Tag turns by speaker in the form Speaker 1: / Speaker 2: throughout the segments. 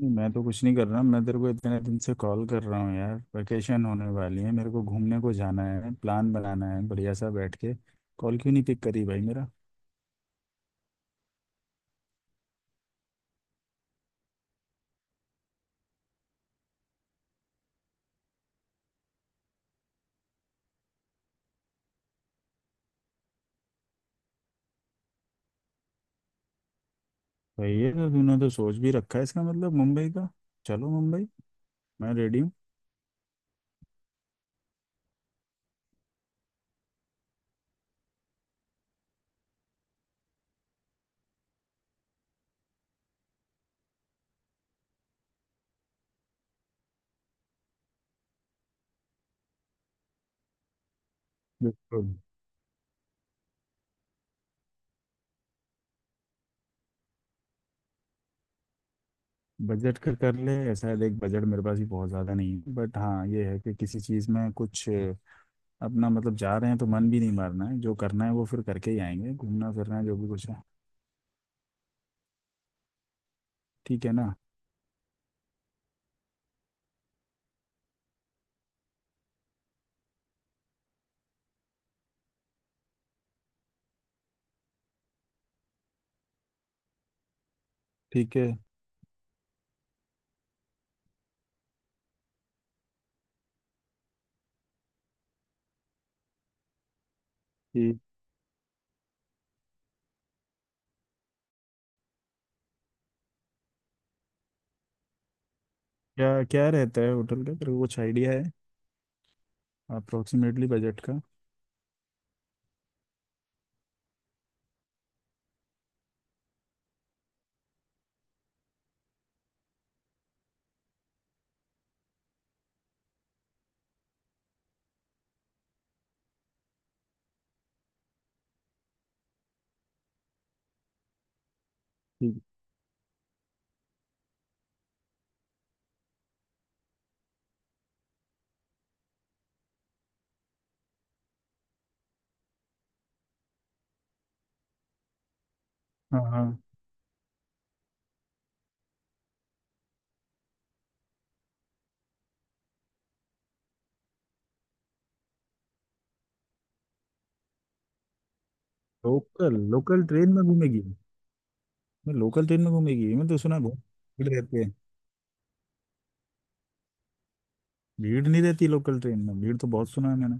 Speaker 1: नहीं, मैं तो कुछ नहीं कर रहा। मैं तेरे को इतने दिन से कॉल कर रहा हूँ यार। वैकेशन होने वाली है, मेरे को घूमने को जाना है, प्लान बनाना है बढ़िया सा बैठ के। कॉल क्यों नहीं पिक करी भाई मेरा? भाई, ये तो तूने तो सोच भी रखा है, इसका मतलब मुंबई का। चलो मुंबई। मैं रेडी हूँ। बिल्कुल। बजट का कर ले। शायद एक बजट मेरे पास भी बहुत ज़्यादा नहीं है, बट हाँ ये है कि किसी चीज़ में कुछ अपना, मतलब जा रहे हैं तो मन भी नहीं मारना है, जो करना है वो फिर करके ही आएंगे, घूमना फिरना जो भी कुछ है। ठीक है ना? ठीक है। क्या क्या रहता है होटल का, तेरे को कुछ आइडिया है अप्रोक्सीमेटली बजट का? ठीक। हाँ हाँ। लोकल लोकल ट्रेन में घूमेगी मैं, लोकल ट्रेन में, घूमेगी मैं तो सुना है बहुत। भीड़ रहती है? भीड़ नहीं रहती लोकल ट्रेन में? भीड़ तो बहुत सुना है मैंने।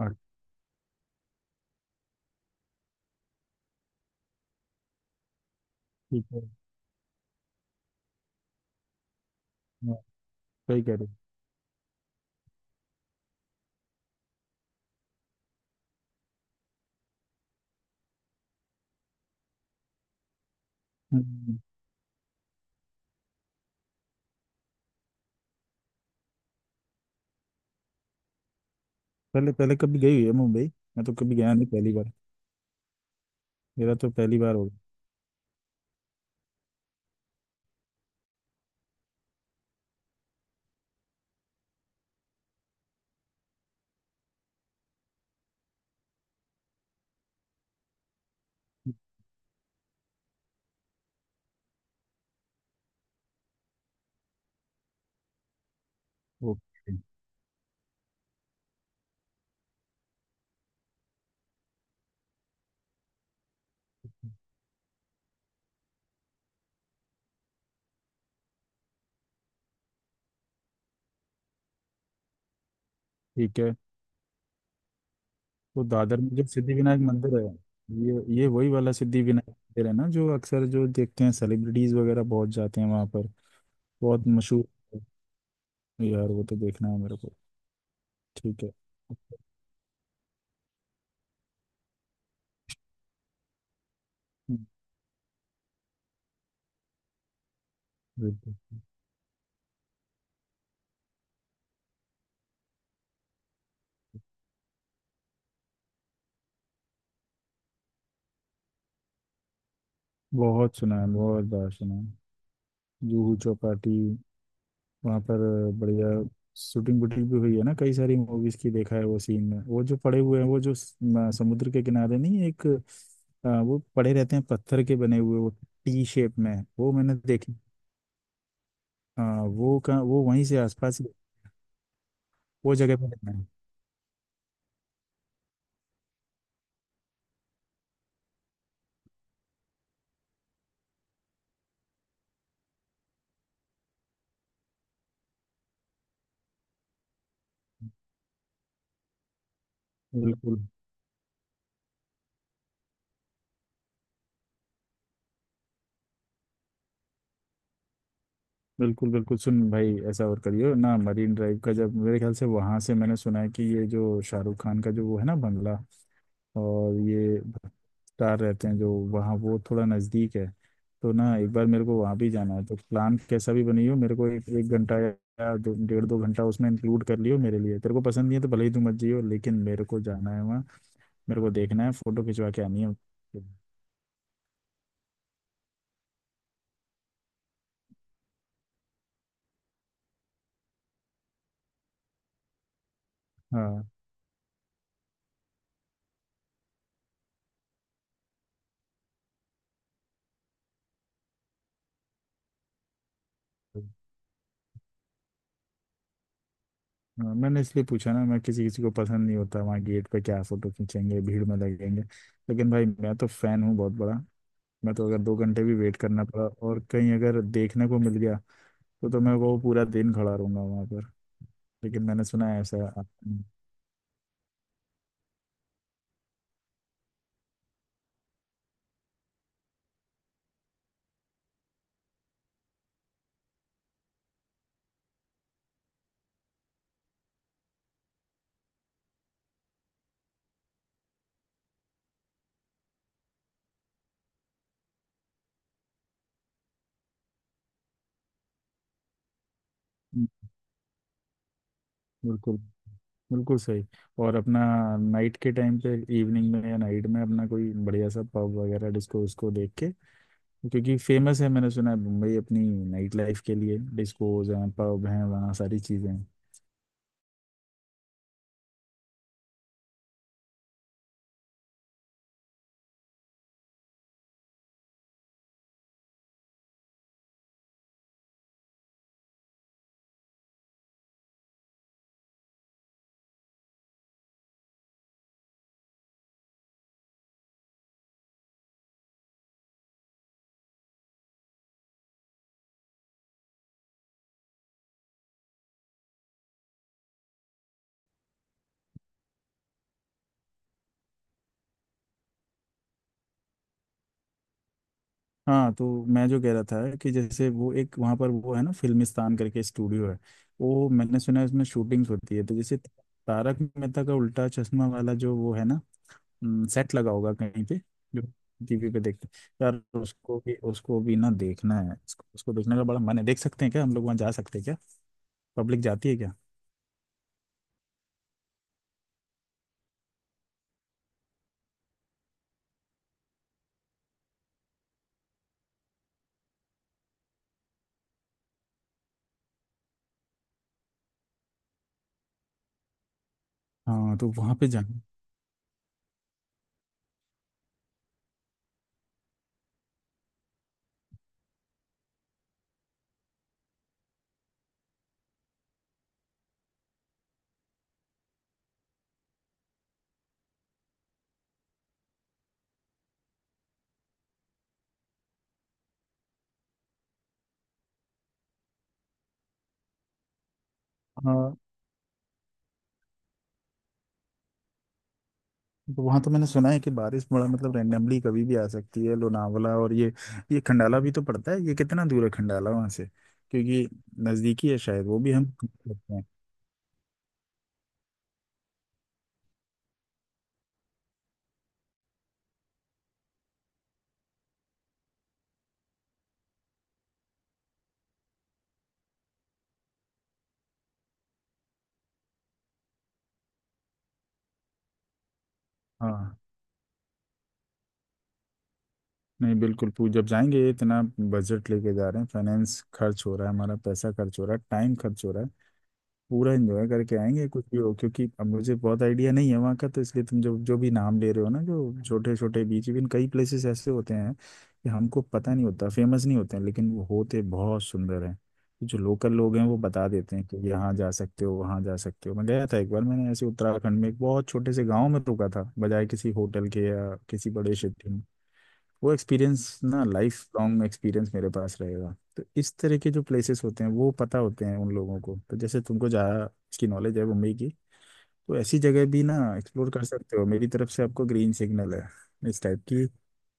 Speaker 1: और ठीक है। हाँ, सही कह रहे हो। हम्म। पहले पहले कभी गई हुई है मुंबई? मैं तो कभी गया नहीं, पहली बार। मेरा तो पहली बार होगा। ओके ठीक है। तो दादर में जो सिद्धिविनायक मंदिर है, ये वही वाला सिद्धिविनायक मंदिर है ना जो अक्सर जो देखते हैं सेलिब्रिटीज वगैरह बहुत जाते हैं वहाँ पर? बहुत मशहूर है। यार वो तो देखना है मेरे को। ठीक है। हम्म। बिल्कुल। बहुत सुना है, बहुत बार सुना है। जूहू चौपाटी वहाँ पर। बढ़िया। शूटिंग वूटिंग भी हुई है ना कई सारी मूवीज की, देखा है वो सीन में, वो जो पड़े हुए हैं, वो जो समुद्र के किनारे, नहीं एक वो पड़े रहते हैं पत्थर के बने हुए, वो टी शेप में। वो मैंने देखी। हाँ, वो का वो वहीं से आसपास। वो जगह पे रहना है। बिल्कुल। बिल्कुल बिल्कुल सुन भाई, ऐसा और करियो ना, मरीन ड्राइव का जब मेरे ख्याल से, वहां से मैंने सुना है कि ये जो शाहरुख खान का जो वो है ना बंगला, और ये भट्टार रहते हैं जो वहाँ, वो थोड़ा नजदीक है। तो ना एक बार मेरे को वहां भी जाना है, तो प्लान कैसा भी बनी हो मेरे को एक एक घंटा या दो डेढ़ दो घंटा उसमें इंक्लूड कर लियो मेरे लिए। तेरे को पसंद नहीं है तो भले ही तू मत जियो, लेकिन मेरे को जाना है वहाँ। मेरे को देखना है, फोटो खिंचवा के आनी है। हाँ हाँ, मैंने इसलिए पूछा ना। मैं किसी किसी को पसंद नहीं होता वहाँ, गेट पे क्या फोटो खींचेंगे भीड़ में लगेंगे। लेकिन भाई मैं तो फैन हूँ बहुत बड़ा। मैं तो अगर दो घंटे भी वेट करना पड़ा और कहीं अगर देखने को मिल गया, तो मैं वो पूरा दिन खड़ा रहूंगा वहाँ पर। लेकिन मैंने सुना है ऐसा। हम्म। बिल्कुल बिल्कुल सही। और अपना नाइट के टाइम पे, इवनिंग में या नाइट में, अपना कोई बढ़िया सा पब वगैरह डिस्को उसको देख के, क्योंकि फेमस है, मैंने सुना है मुंबई अपनी नाइट लाइफ के लिए, डिस्कोज हैं, पब हैं, वहाँ सारी चीज़ें हैं। हाँ, तो मैं जो कह रहा था कि जैसे वो एक वहाँ पर वो है ना, फिल्मिस्तान करके स्टूडियो है, वो मैंने सुना है उसमें शूटिंग्स होती है, तो जैसे तारक मेहता का उल्टा चश्मा वाला जो वो है ना, सेट लगा होगा कहीं पे, जो टीवी पे देखते हैं यार। उसको भी, उसको भी ना देखना है। उसको देखने का बड़ा मन है। देख सकते हैं क्या, हम लोग वहाँ जा सकते हैं क्या? पब्लिक जाती है क्या? हाँ, तो वहाँ पे जाना। हाँ, तो वहां तो मैंने सुना है कि बारिश बड़ा मतलब रैंडमली कभी भी आ सकती है लोनावला। और ये खंडाला भी तो पड़ता है, ये कितना दूर है खंडाला वहां से? क्योंकि नजदीकी है शायद, वो भी हम सकते हैं। हाँ। नहीं, बिल्कुल पू जब जाएंगे इतना बजट लेके जा रहे हैं, फाइनेंस खर्च हो रहा है, हमारा पैसा खर्च हो रहा है, टाइम खर्च हो रहा है, पूरा एंजॉय करके आएंगे कुछ भी हो। क्योंकि अब मुझे बहुत आइडिया नहीं है वहाँ का, तो इसलिए तुम जो जो भी नाम ले रहे हो ना, जो छोटे छोटे बीच, इवन कई प्लेसेस ऐसे होते हैं कि हमको पता नहीं होता, फेमस नहीं होते हैं लेकिन वो होते बहुत सुंदर हैं। तो जो लोकल लोग हैं वो बता देते हैं कि यहाँ जा सकते हो, वहाँ जा सकते हो। मैं गया था एक बार, मैंने ऐसे उत्तराखंड में एक बहुत छोटे से गाँव में रुका था, बजाय किसी होटल के या किसी बड़े सिटी में। वो एक्सपीरियंस ना लाइफ लॉन्ग एक्सपीरियंस मेरे पास रहेगा। तो इस तरह के जो प्लेसेस होते हैं वो पता होते हैं उन लोगों को, तो जैसे तुमको जहाँ इसकी नॉलेज है मुंबई की, तो ऐसी जगह भी ना एक्सप्लोर कर सकते हो। मेरी तरफ से आपको ग्रीन सिग्नल है, इस टाइप की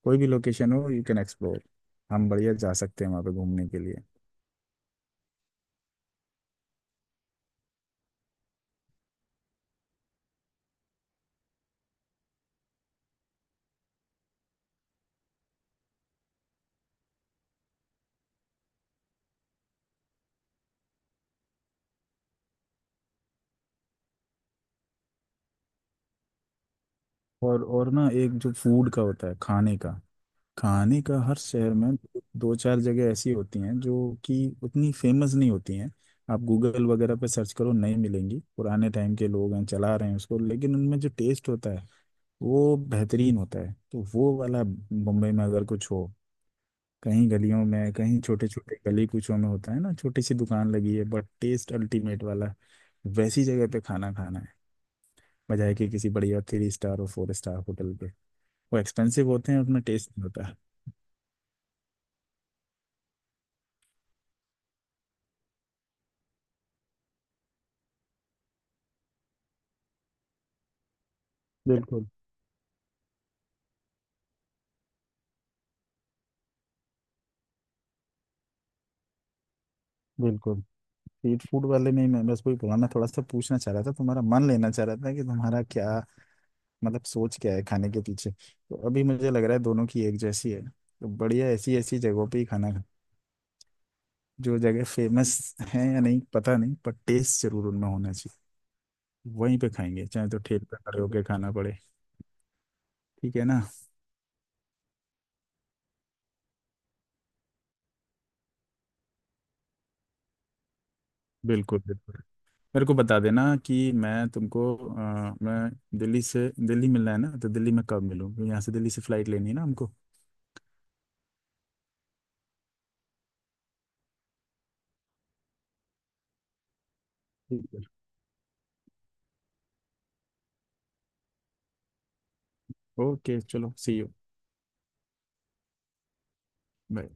Speaker 1: कोई भी लोकेशन हो, यू कैन एक्सप्लोर। हम बढ़िया जा सकते हैं वहाँ पे घूमने के लिए। और ना, एक जो फूड का होता है, खाने का, कहानी का, हर शहर में दो चार जगह ऐसी होती हैं जो कि उतनी फेमस नहीं होती हैं। आप गूगल वगैरह पे सर्च करो नहीं मिलेंगी, पुराने टाइम के लोग हैं चला रहे हैं उसको, लेकिन उनमें जो टेस्ट होता है वो बेहतरीन होता है। तो वो वाला मुंबई में अगर कुछ हो कहीं गलियों में, कहीं छोटे छोटे गली कूचों में होता है ना, छोटी सी दुकान लगी है बट टेस्ट अल्टीमेट वाला। वैसी जगह पे खाना खाना है, बजाय कि किसी बढ़िया थ्री स्टार और फोर स्टार होटल पे। वो एक्सपेंसिव होते हैं, उसमें टेस्ट नहीं होता। बिल्कुल बिल्कुल। स्ट्रीट फूड वाले में ही, मैं बस वही पुराना थोड़ा सा पूछना चाह रहा था, तुम्हारा मन लेना चाह रहा था कि तुम्हारा क्या मतलब सोच क्या है खाने के पीछे। तो अभी मुझे लग रहा है दोनों की एक जैसी है, तो बढ़िया ऐसी ऐसी जगहों पे ही खाना। जो जगह फेमस है या नहीं पता नहीं, पर टेस्ट जरूर उनमें होना चाहिए। वहीं पे खाएंगे, चाहे तो ठेल पे खड़े होके खाना पड़े। ठीक है ना? बिल्कुल बिल्कुल। मेरे को बता देना कि मैं तुमको, मैं दिल्ली से, दिल्ली मिलना है ना, तो दिल्ली में कब मिलूँ? यहाँ से, दिल्ली से फ्लाइट लेनी है ना हमको। ठीक है। ओके चलो, सी यू। बाय।